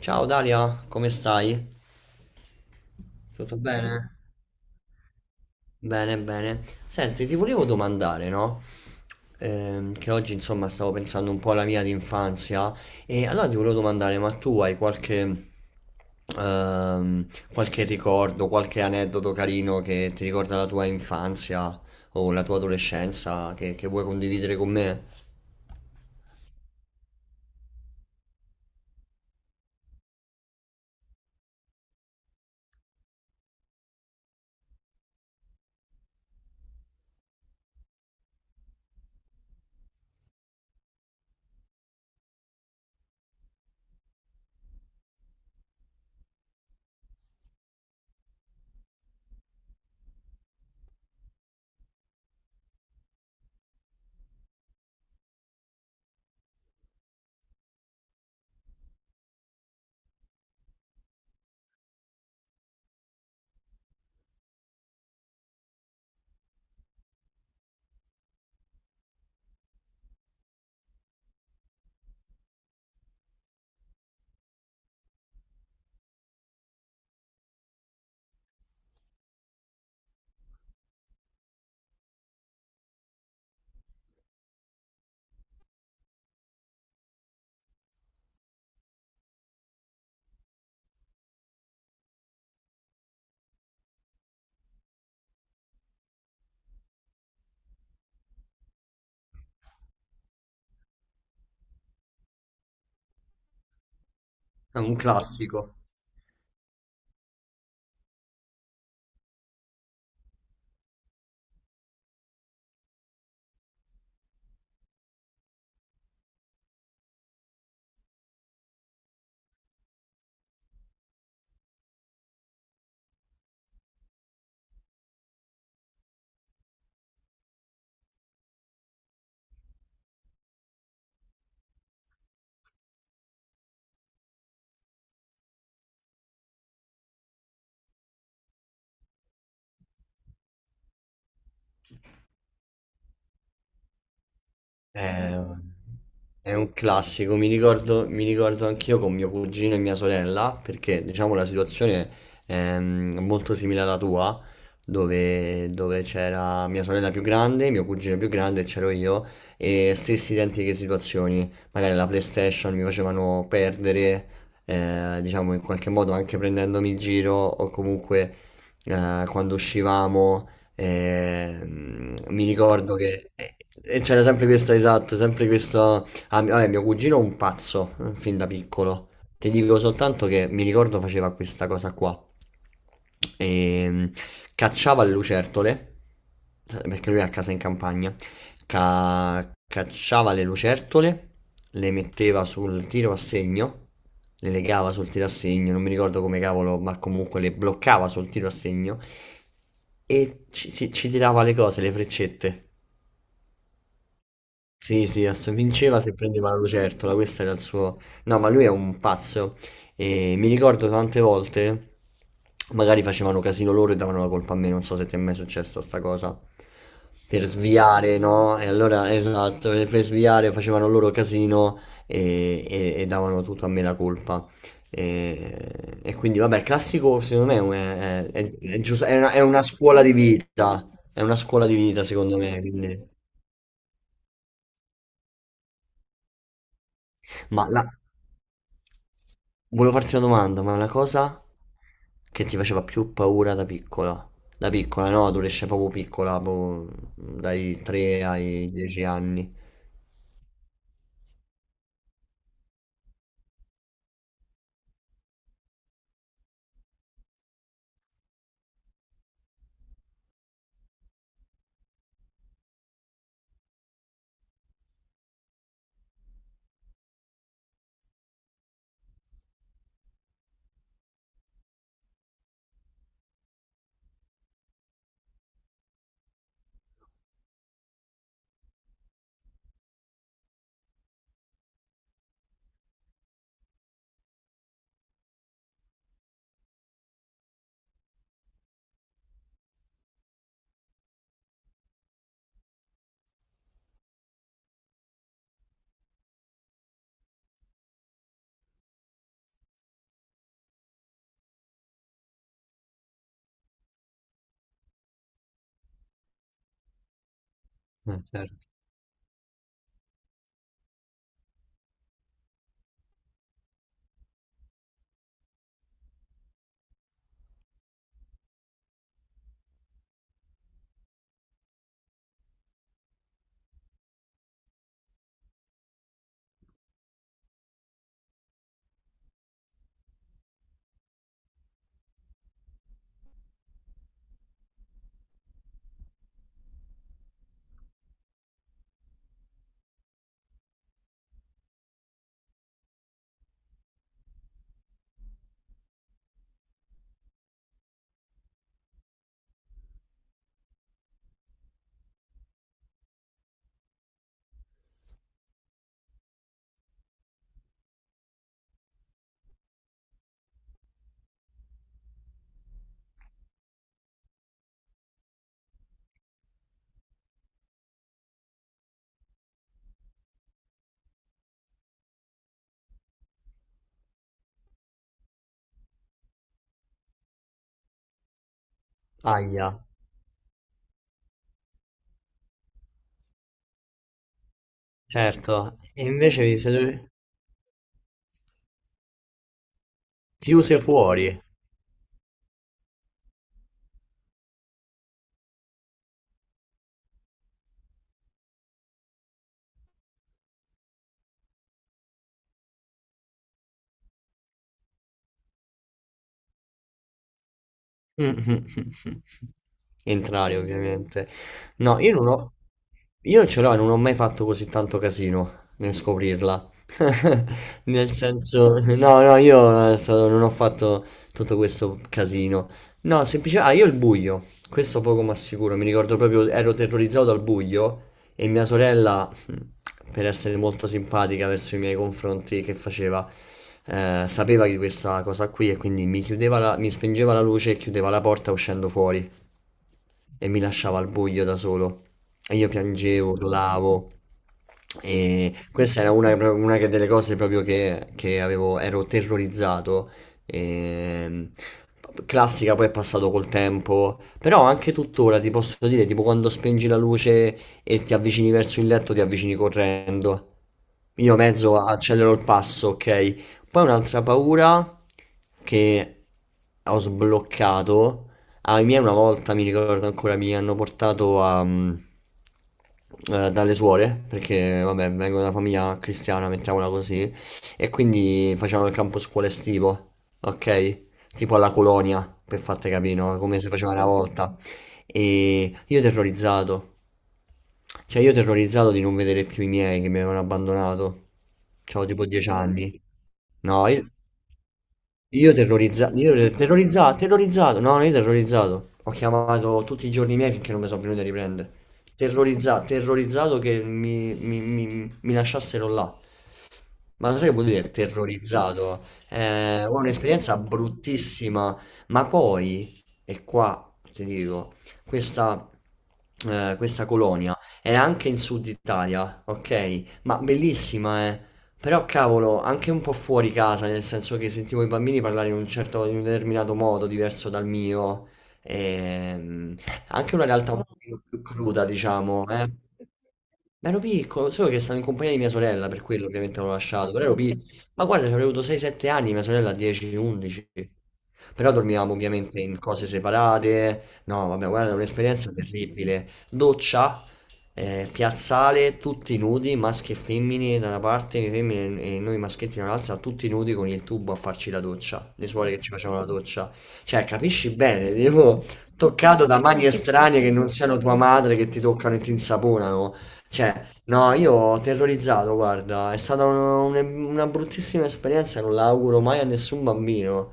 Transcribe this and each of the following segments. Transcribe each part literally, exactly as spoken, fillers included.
Ciao Dalia, come stai? Tutto bene? Bene, bene. Senti, ti volevo domandare, no? Ehm, che oggi, insomma, stavo pensando un po' alla mia di infanzia, e allora ti volevo domandare, ma tu hai qualche, ehm, qualche ricordo, qualche aneddoto carino che ti ricorda la tua infanzia o la tua adolescenza che, che vuoi condividere con me? È un classico. È, è un classico, mi ricordo, mi ricordo anch'io con mio cugino e mia sorella, perché diciamo la situazione è mm, molto simile alla tua, dove, dove c'era mia sorella più grande, mio cugino più grande e c'ero io, e stesse identiche situazioni. Magari la PlayStation mi facevano perdere, eh, diciamo, in qualche modo, anche prendendomi in giro, o comunque eh, quando uscivamo. E, mm, mi ricordo che e- e c'era sempre questa, esatta, sempre questa... Ah, mi- vabbè, mio cugino è un pazzo, eh, fin da piccolo. Ti dico soltanto che mi ricordo faceva questa cosa qua. E, mm, Cacciava le lucertole, eh, perché lui è a casa in campagna. Ca- cacciava le lucertole, le metteva sul tiro a segno, le legava sul tiro a segno, non mi ricordo come cavolo, ma comunque le bloccava sul tiro a segno e ci, ci- ci tirava le cose, le freccette. Sì, sì, ass- vinceva se prendeva la lucertola, questo era il suo... No, ma lui è un pazzo. E mi ricordo tante volte magari facevano casino loro e davano la colpa a me, non so se ti è mai successa sta cosa. Per sviare, no? E allora, esatto, e per sviare facevano loro casino e, e- e davano tutto a me la colpa. E, e quindi, vabbè, il classico, secondo me, è, è- è- è giusto, è una, è una scuola di vita. È una scuola di vita, secondo me, quindi. Ma la... Volevo farti una domanda. Ma la cosa che ti faceva più paura da piccola? Da piccola, no? Adolescente, proprio piccola, proprio dai tre ai dieci anni. Eh, certo. Aia, certo. E invece vi siete chiuse fuori. Mh-mh, mh-mh. Entrare, ovviamente. No, io non ho, io ce l'ho e non ho mai fatto così tanto casino nel scoprirla. Nel senso, no, no, io è stato, non ho fatto tutto questo casino. No, semplicemente, ah, io il buio, questo poco ma sicuro, mi ricordo proprio, ero terrorizzato dal buio. E mia sorella, mm, per essere molto simpatica verso i miei confronti, che faceva? Eh, sapeva di questa cosa qui, e quindi mi chiudeva la- mi spengeva la luce e chiudeva la porta uscendo fuori, e mi lasciava al buio da solo. E io piangevo, urlavo. E questa era una, una che- delle cose proprio che, che avevo, ero terrorizzato. Ehm, Classica, poi è passato col tempo. Però anche tuttora ti posso dire, tipo, quando spengi la luce e ti avvicini verso il letto, ti avvicini correndo. Io mezzo accelero il passo, ok? Poi un'altra paura che ho sbloccato ai miei una volta, mi ricordo ancora, mi hanno portato a, mm, eh, dalle suore, perché, vabbè, vengo da una famiglia cristiana, mettiamola così, e quindi facevano il campo scuola estivo, ok? Tipo alla colonia, per farti capire, no? Come si faceva una volta. E io terrorizzato, cioè io terrorizzato di non vedere più i miei, che mi avevano abbandonato. C'avevo tipo dieci anni. No, io... Io terrorizzato, io terrorizzato, terrorizzato, no, io terrorizzato. Ho chiamato tutti i giorni miei finché non mi sono venuti a riprendere. Terrorizzato, terrorizzato che mi, mi- mi- mi lasciassero là. Ma lo sai che vuol dire terrorizzato? Eh, ho un'esperienza bruttissima, ma poi, e qua ti dico, questa, eh, questa colonia era anche in Sud Italia, ok? Ma bellissima, eh? Però cavolo, anche un po' fuori casa, nel senso che sentivo i bambini parlare in un certo, in un determinato modo, diverso dal mio. Ehm, Anche una realtà un pochino più cruda, diciamo, eh. Ma ero piccolo, solo che stavo in compagnia di mia sorella, per quello ovviamente l'ho lasciato, però ero piccolo. Ma guarda, ci avrei avuto sei sette anni, mia sorella dieci undici. Però dormivamo ovviamente in cose separate. No, vabbè, guarda, è un'esperienza terribile. Doccia, eh, piazzale, tutti nudi, maschi e femmine da una parte, le femmine, e noi maschietti dall'altra, tutti nudi con il tubo a farci la doccia. Le suore che ci facevano la doccia. Cioè, capisci bene, tipo, toccato da mani estranee che non siano tua madre, che ti toccano e ti insaponano. Cioè, no, io ho terrorizzato, guarda, è stata un- un- una bruttissima esperienza, e non la auguro mai a nessun bambino.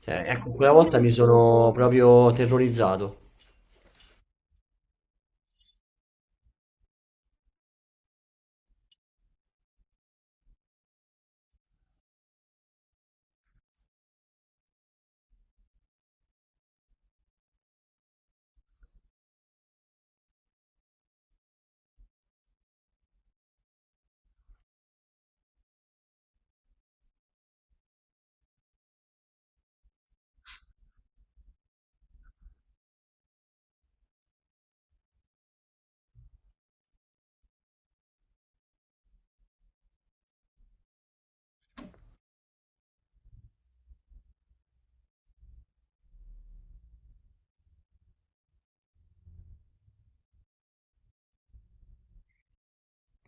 Cioè, ecco, quella volta mi sono proprio terrorizzato.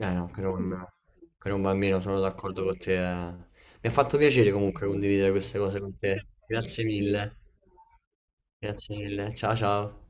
Eh no, per un, per un bambino sono d'accordo con te, eh. Mi ha fatto piacere comunque condividere queste cose con te. Grazie mille. Grazie mille. Ciao ciao.